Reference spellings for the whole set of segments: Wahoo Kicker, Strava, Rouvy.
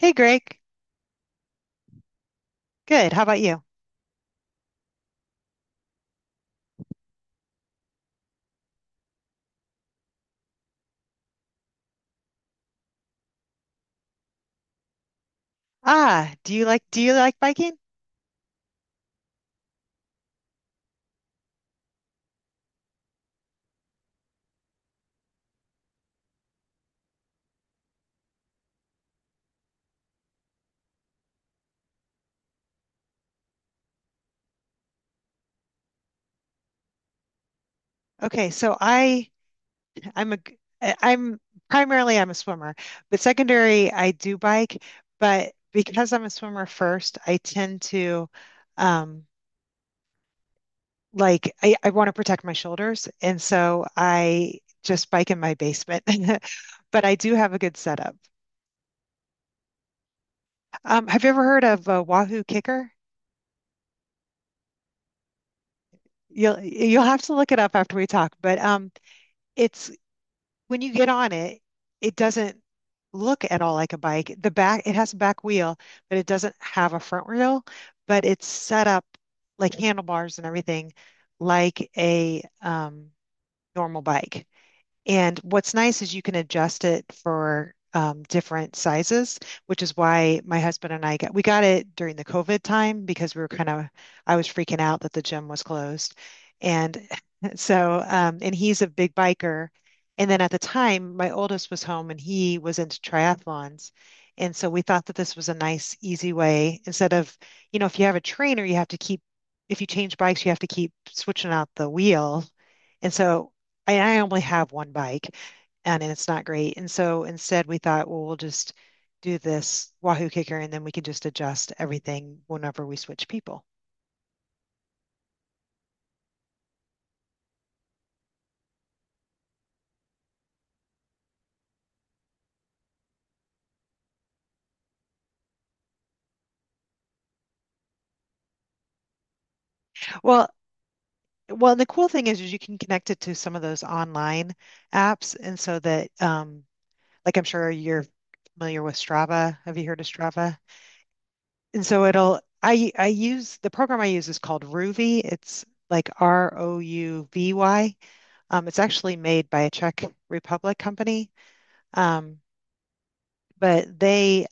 Hey Greg, good. How about you? Ah, do you like biking? Okay, so I I'm a g- I- I'm primarily I'm a swimmer, but secondary I do bike, but because I'm a swimmer first, I tend to um like I want to protect my shoulders and so I just bike in my basement. But I do have a good setup. Have you ever heard of a Wahoo Kicker? You'll have to look it up after we talk, but it's when you get on it, it doesn't look at all like a bike. The back, it has a back wheel, but it doesn't have a front wheel, but it's set up like handlebars and everything like a normal bike. And what's nice is you can adjust it for different sizes, which is why my husband and I got it during the COVID time because we were kind of I was freaking out that the gym was closed, and so and he's a big biker, and then at the time my oldest was home and he was into triathlons, and so we thought that this was a nice easy way instead of if you have a trainer you have to keep if you change bikes you have to keep switching out the wheel. And so and I only have one bike and it's not great. And so instead we thought, well, we'll just do this Wahoo kicker and then we can just adjust everything whenever we switch people. Well, the cool thing is you can connect it to some of those online apps and so that like I'm sure you're familiar with Strava. Have you heard of Strava? And so it'll I use the program I use is called Rouvy. It's like Rouvy. It's actually made by a Czech Republic company. Um, but they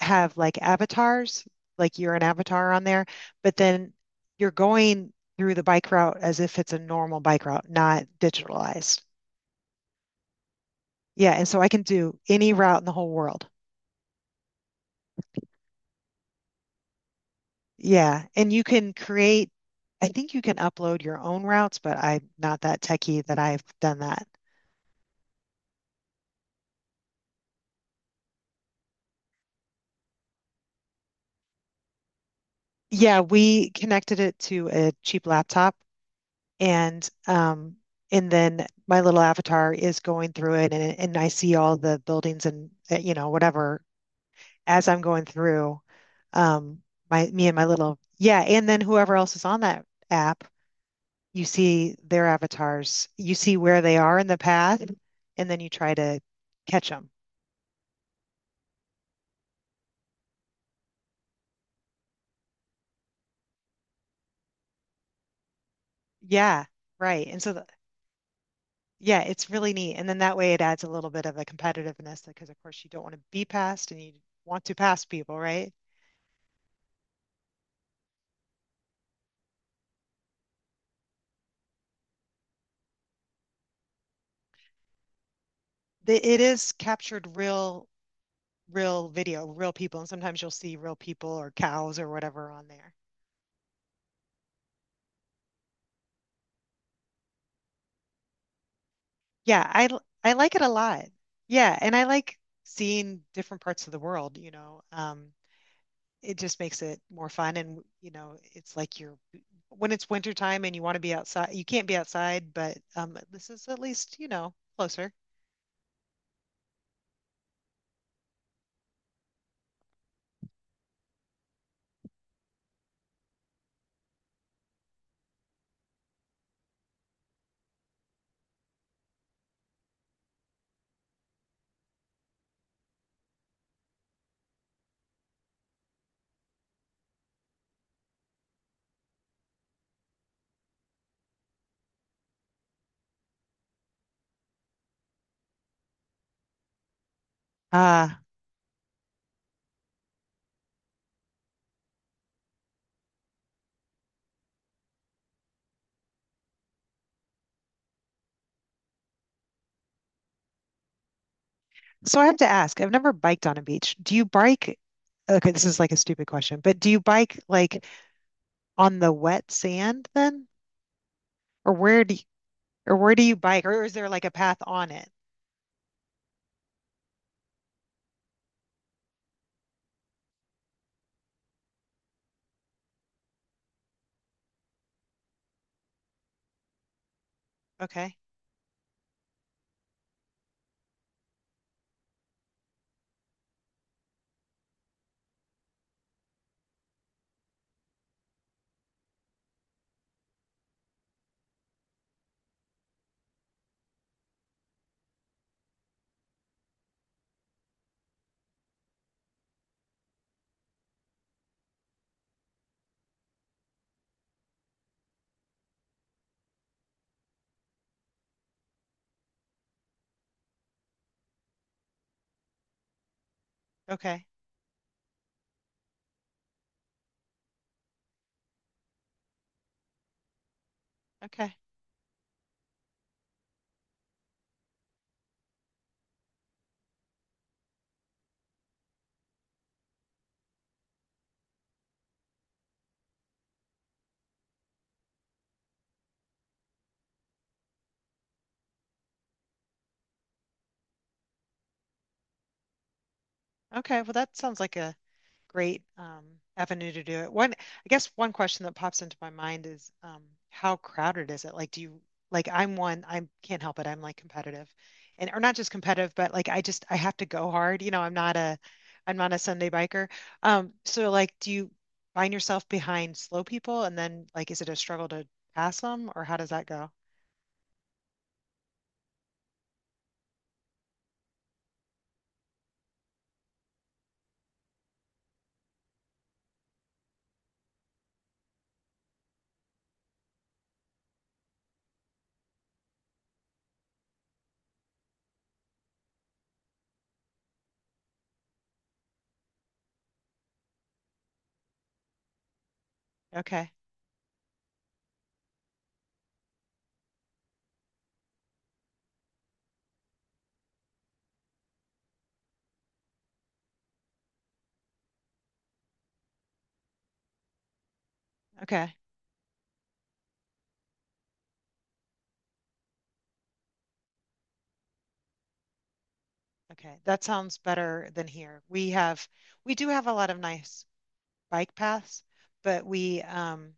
have like avatars, like you're an avatar on there, but then you're going through the bike route as if it's a normal bike route, not digitalized. Yeah, and so I can do any route in the whole world. Yeah, and you can create, I think you can upload your own routes, but I'm not that techie that I've done that. Yeah, we connected it to a cheap laptop and and then my little avatar is going through it, and I see all the buildings and whatever as I'm going through. Um, my me and my little yeah, and then whoever else is on that app, you see their avatars, you see where they are in the path, and then you try to catch them. Yeah, right. Yeah, it's really neat. And then that way it adds a little bit of a competitiveness because of course you don't want to be passed and you want to pass people, right? It is captured real, real video, real people, and sometimes you'll see real people or cows or whatever on there. Yeah, I like it a lot. Yeah, and I like seeing different parts of the world, you know. It just makes it more fun and it's like you're when it's winter time and you want to be outside, you can't be outside, but this is at least, closer. Uh, so I have to ask, I've never biked on a beach. Do you bike? Okay, this is like a stupid question, but do you bike like on the wet sand then? Or where do you, or where do you bike? Or is there like a path on it? Okay. Okay. Okay. Okay. Well, that sounds like a great avenue to do it. I guess one question that pops into my mind is how crowded is it? Like, do you like I'm one, I can't help it. I'm like competitive and or not just competitive, but like I have to go hard. You know, I'm not a Sunday biker. So like do you find yourself behind slow people and then like is it a struggle to pass them or how does that go? Okay. Okay. Okay. That sounds better than here. We do have a lot of nice bike paths, but we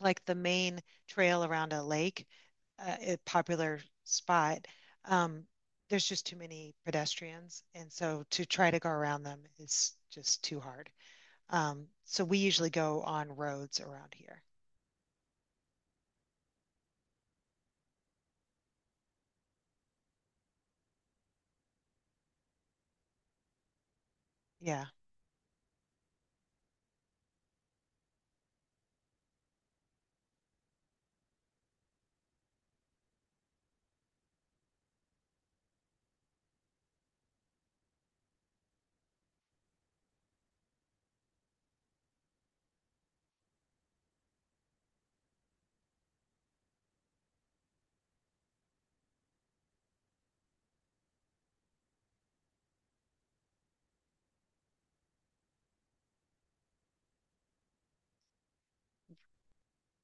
like the main trail around a lake, a popular spot, um, there's just too many pedestrians, and so to try to go around them is just too hard. So we usually go on roads around here. Yeah,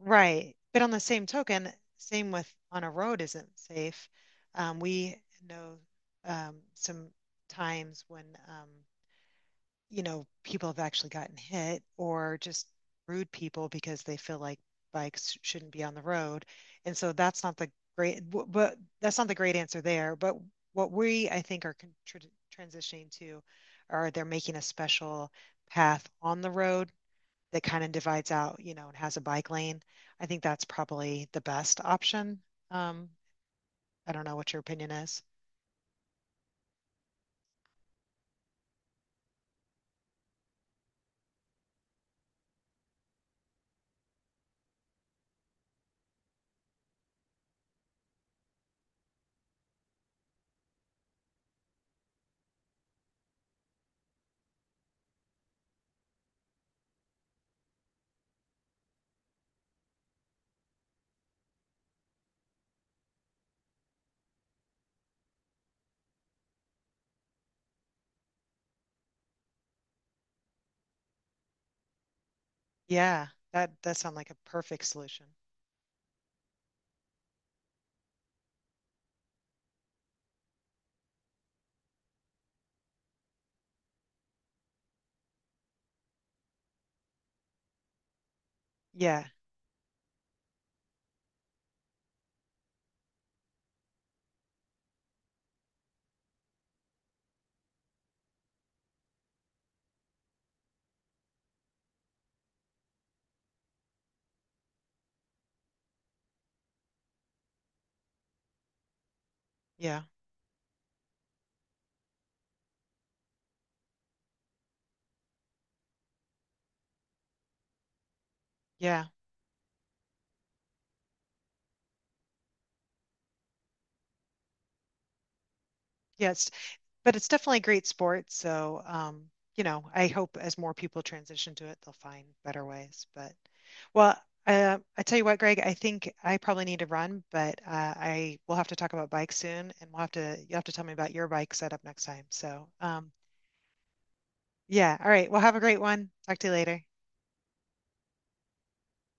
right. But on the same token, same with on a road isn't safe. We know some times when people have actually gotten hit or just rude people because they feel like bikes shouldn't be on the road. And so that's not the great, but that's not the great answer there. But what we, I think, are con transitioning to are they're making a special path on the road that kind of divides out, you know, and has a bike lane. I think that's probably the best option. Um, I don't know what your opinion is. Yeah, that sounds like a perfect solution. Yeah, yeah, yeah, yeah. It's But it's definitely a great sport. So, I hope as more people transition to it, they'll find better ways. But, well, I tell you what, Greg, I think I probably need to run, but I will have to talk about bikes soon, and we'll have to you'll have to tell me about your bike setup next time. So, yeah, all right. Well, have a great one. Talk to you later.